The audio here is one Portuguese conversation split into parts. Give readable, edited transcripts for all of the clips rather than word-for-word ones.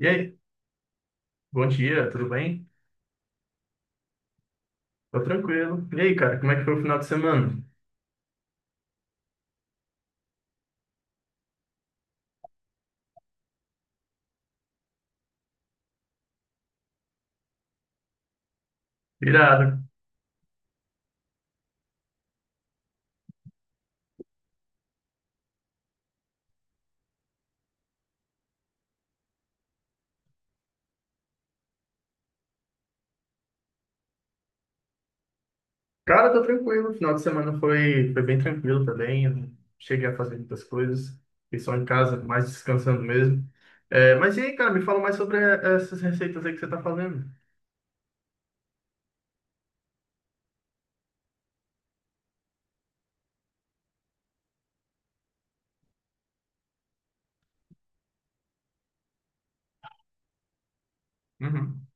E aí, bom dia, tudo bem? Tô tranquilo. E aí, cara, como é que foi o final de semana? Irado. Cara, tô tranquilo. O final de semana foi bem tranquilo também. Eu não cheguei a fazer muitas coisas. Fiquei só em casa, mais descansando mesmo. É, mas e aí, cara, me fala mais sobre essas receitas aí que você tá fazendo. Uhum.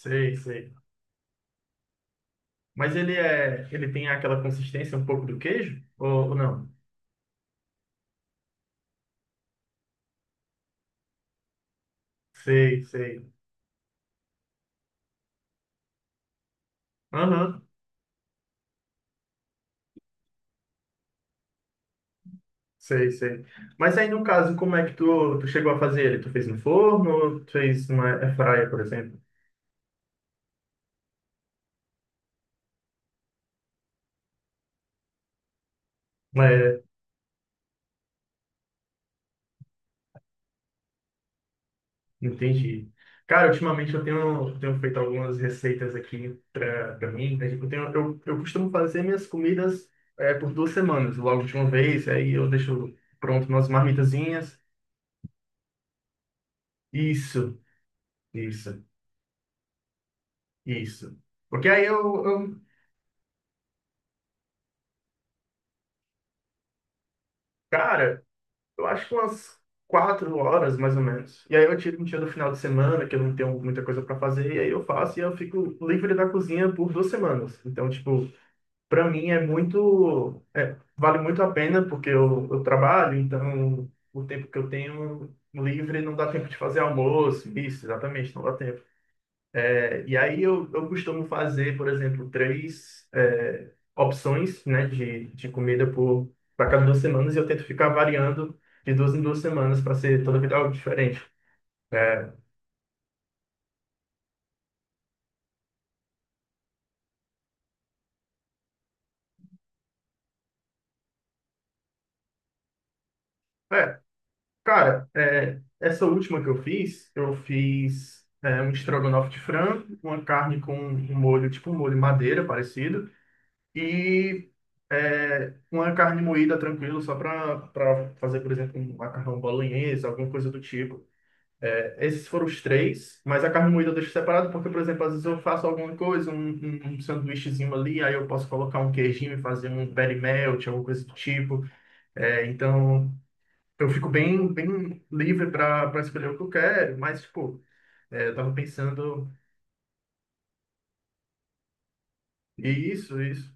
Sei, sei. Mas ele tem aquela consistência um pouco do queijo? Ou não? Sei, sei. Aham. Sei, sei. Mas aí, no caso, como é que tu chegou a fazer ele? Tu fez no forno ou tu fez uma airfryer, por exemplo? É, entendi. Cara, ultimamente eu tenho feito algumas receitas aqui pra mim, né? Tipo, eu costumo fazer minhas comidas, por 2 semanas, logo de uma vez. Aí eu deixo pronto umas marmitazinhas. Isso, isso, isso. Porque aí cara, eu acho que umas 4 horas, mais ou menos. E aí eu tiro um dia do final de semana, que eu não tenho muita coisa para fazer, e aí eu faço e eu fico livre da cozinha por 2 semanas. Então, tipo, para mim é muito, vale muito a pena, porque eu trabalho, então o tempo que eu tenho livre não dá tempo de fazer almoço, isso, exatamente, não dá tempo. É, e aí eu costumo fazer, por exemplo, três opções, né, de comida por para cada 2 semanas e eu tento ficar variando de duas em duas semanas para ser toda vida algo diferente. É, é, cara, essa última que eu fiz um estrogonofe de frango, uma carne com um molho, tipo um molho madeira parecido, e uma carne moída tranquilo, só para fazer, por exemplo, um macarrão bolonhesa, alguma coisa do tipo. É, esses foram os três, mas a carne moída eu deixo separado porque, por exemplo, às vezes eu faço alguma coisa, um sanduíchezinho ali, aí eu posso colocar um queijinho e fazer um berry melt, alguma coisa do tipo. É, então, eu fico bem, bem livre para escolher o que eu quero, mas, tipo, eu tava pensando isso, isso,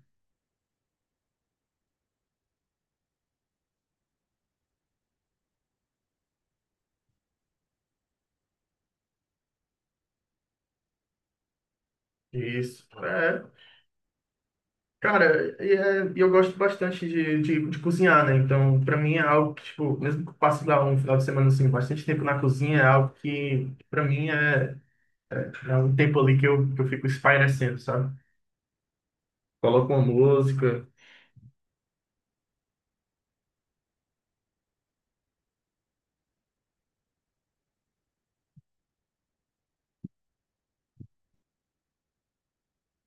isso. É, cara, e e eu gosto bastante de cozinhar, né? Então, para mim é algo que, tipo, mesmo que eu passe lá um final de semana, assim, bastante tempo na cozinha, é algo que, para mim, é. É um tempo ali que eu fico espairecendo, sabe? Coloco uma música,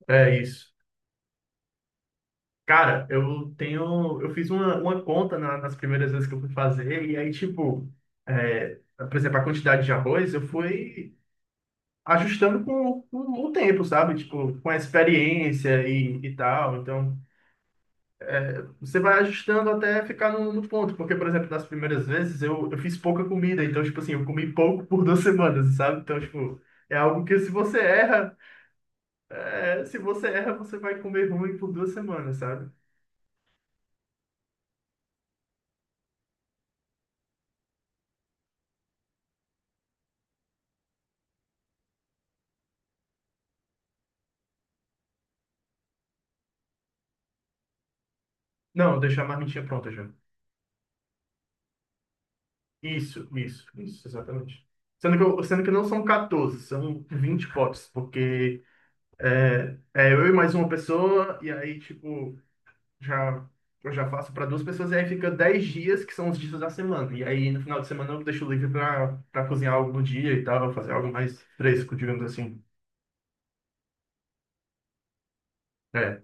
é isso. Cara, eu tenho. Eu fiz uma conta nas primeiras vezes que eu fui fazer, e aí, tipo, por exemplo, a quantidade de arroz eu fui ajustando com o tempo, sabe? Tipo, com a experiência e tal. Então, você vai ajustando até ficar no ponto, porque, por exemplo, nas primeiras vezes eu fiz pouca comida, então, tipo assim, eu comi pouco por 2 semanas, sabe? Então, tipo. É algo que se você erra, é, se você erra, você vai comer ruim por 2 semanas, sabe? Não, deixar a marmitinha pronta já. Isso, exatamente. Sendo que não são 14, são 20 potes, porque é eu e mais uma pessoa, e aí, tipo, já, eu já faço para duas pessoas, e aí fica 10 dias, que são os dias da semana. E aí, no final de semana, eu deixo livre para cozinhar algo no dia e tal, fazer algo mais fresco, digamos assim. É.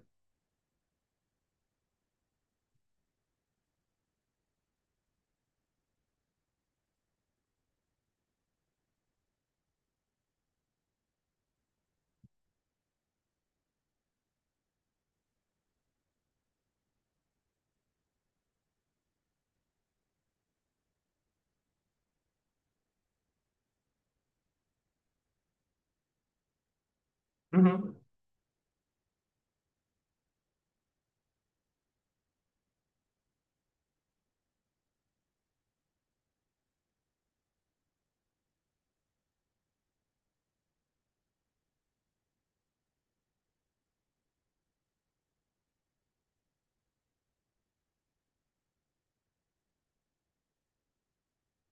Uhum,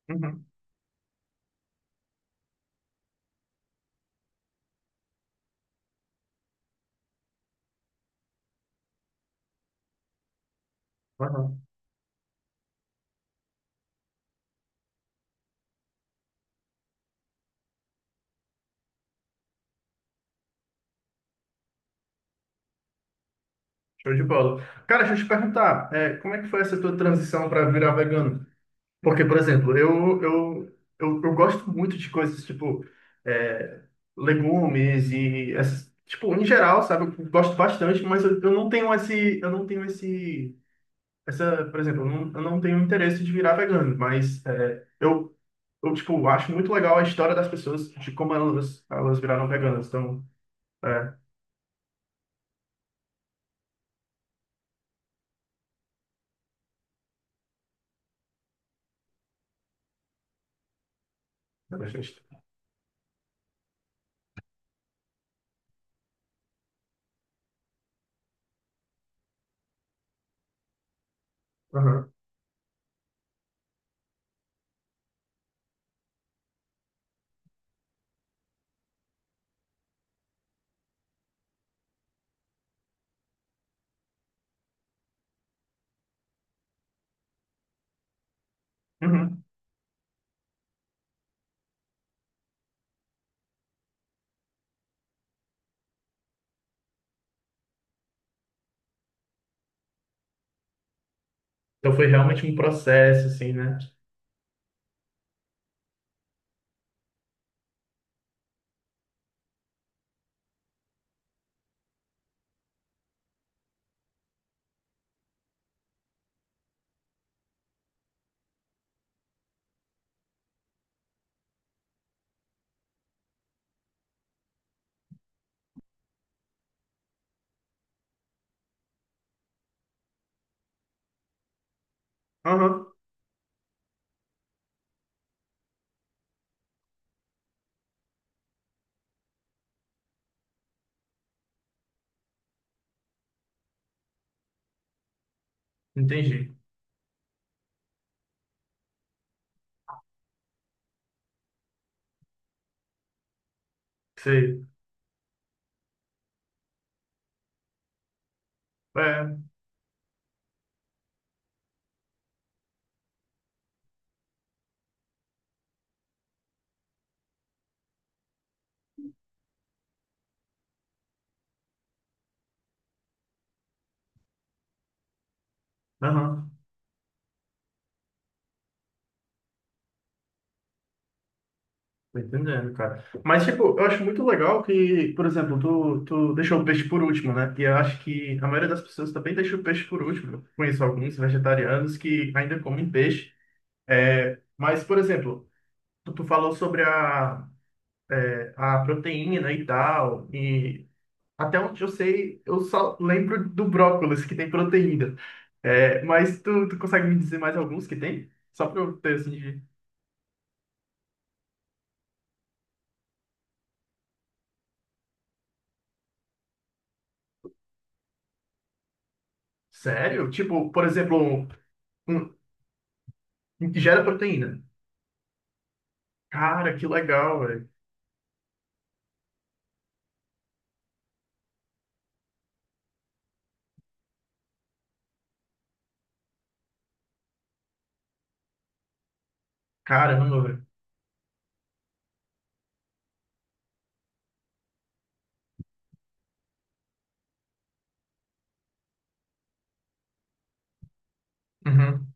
uhum, uhum. Show de bola. Cara, deixa eu te perguntar, como é que foi essa tua transição para virar vegano? Porque, por exemplo, eu gosto muito de coisas tipo é, legumes e essas, tipo, em geral, sabe? Eu gosto bastante, mas eu não tenho esse, eu não tenho esse, essa, por exemplo, eu não tenho interesse de virar vegano, mas eu, tipo, acho muito legal a história das pessoas, de como elas viraram veganas. Então, é, é bastante. Aham. Uhum. Então foi realmente um processo, assim, né? Aham, entendi. Sei. É, aham, tô entendendo, cara. Mas, tipo, eu acho muito legal que, por exemplo, tu deixou o peixe por último, né? E eu acho que a maioria das pessoas também deixa o peixe por último. Eu conheço alguns vegetarianos que ainda comem peixe. É, mas, por exemplo, tu falou sobre a proteína e tal, e até onde eu sei, eu só lembro do brócolis, que tem proteína. É, mas tu consegue me dizer mais alguns que tem? Só pra eu ter, assim. Sério? Tipo, por exemplo, um, um- um que gera proteína. Cara, que legal, velho. Caramba, velho. Uhum.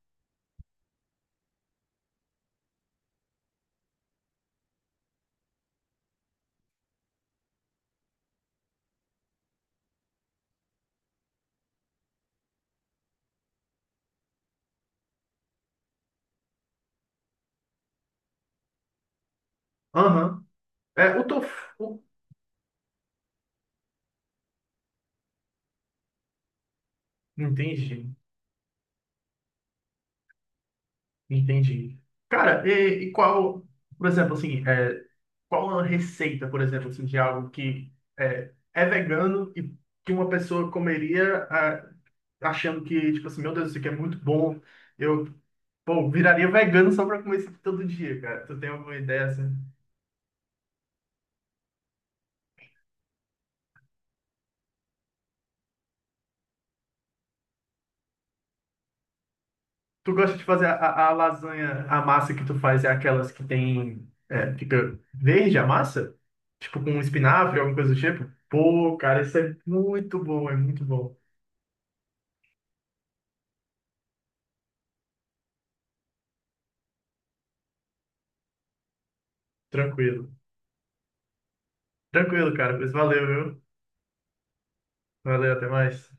Aham. É, o tofu. o- Entendi. Entendi. Cara, e qual, por exemplo, assim, qual a receita, por exemplo, assim, de algo que é vegano e que uma pessoa comeria ah, achando que, tipo assim, meu Deus, isso aqui é muito bom. Eu, pô, viraria vegano só pra comer isso aqui todo dia, cara. Tu tem alguma ideia assim? Tu gosta de fazer a lasanha, a massa que tu faz é aquelas que tem, é, fica verde a massa? Tipo com espinafre, alguma coisa do tipo? Pô, cara, isso é muito bom, é muito bom. Tranquilo. Tranquilo, cara, pois valeu, viu? Valeu, até mais.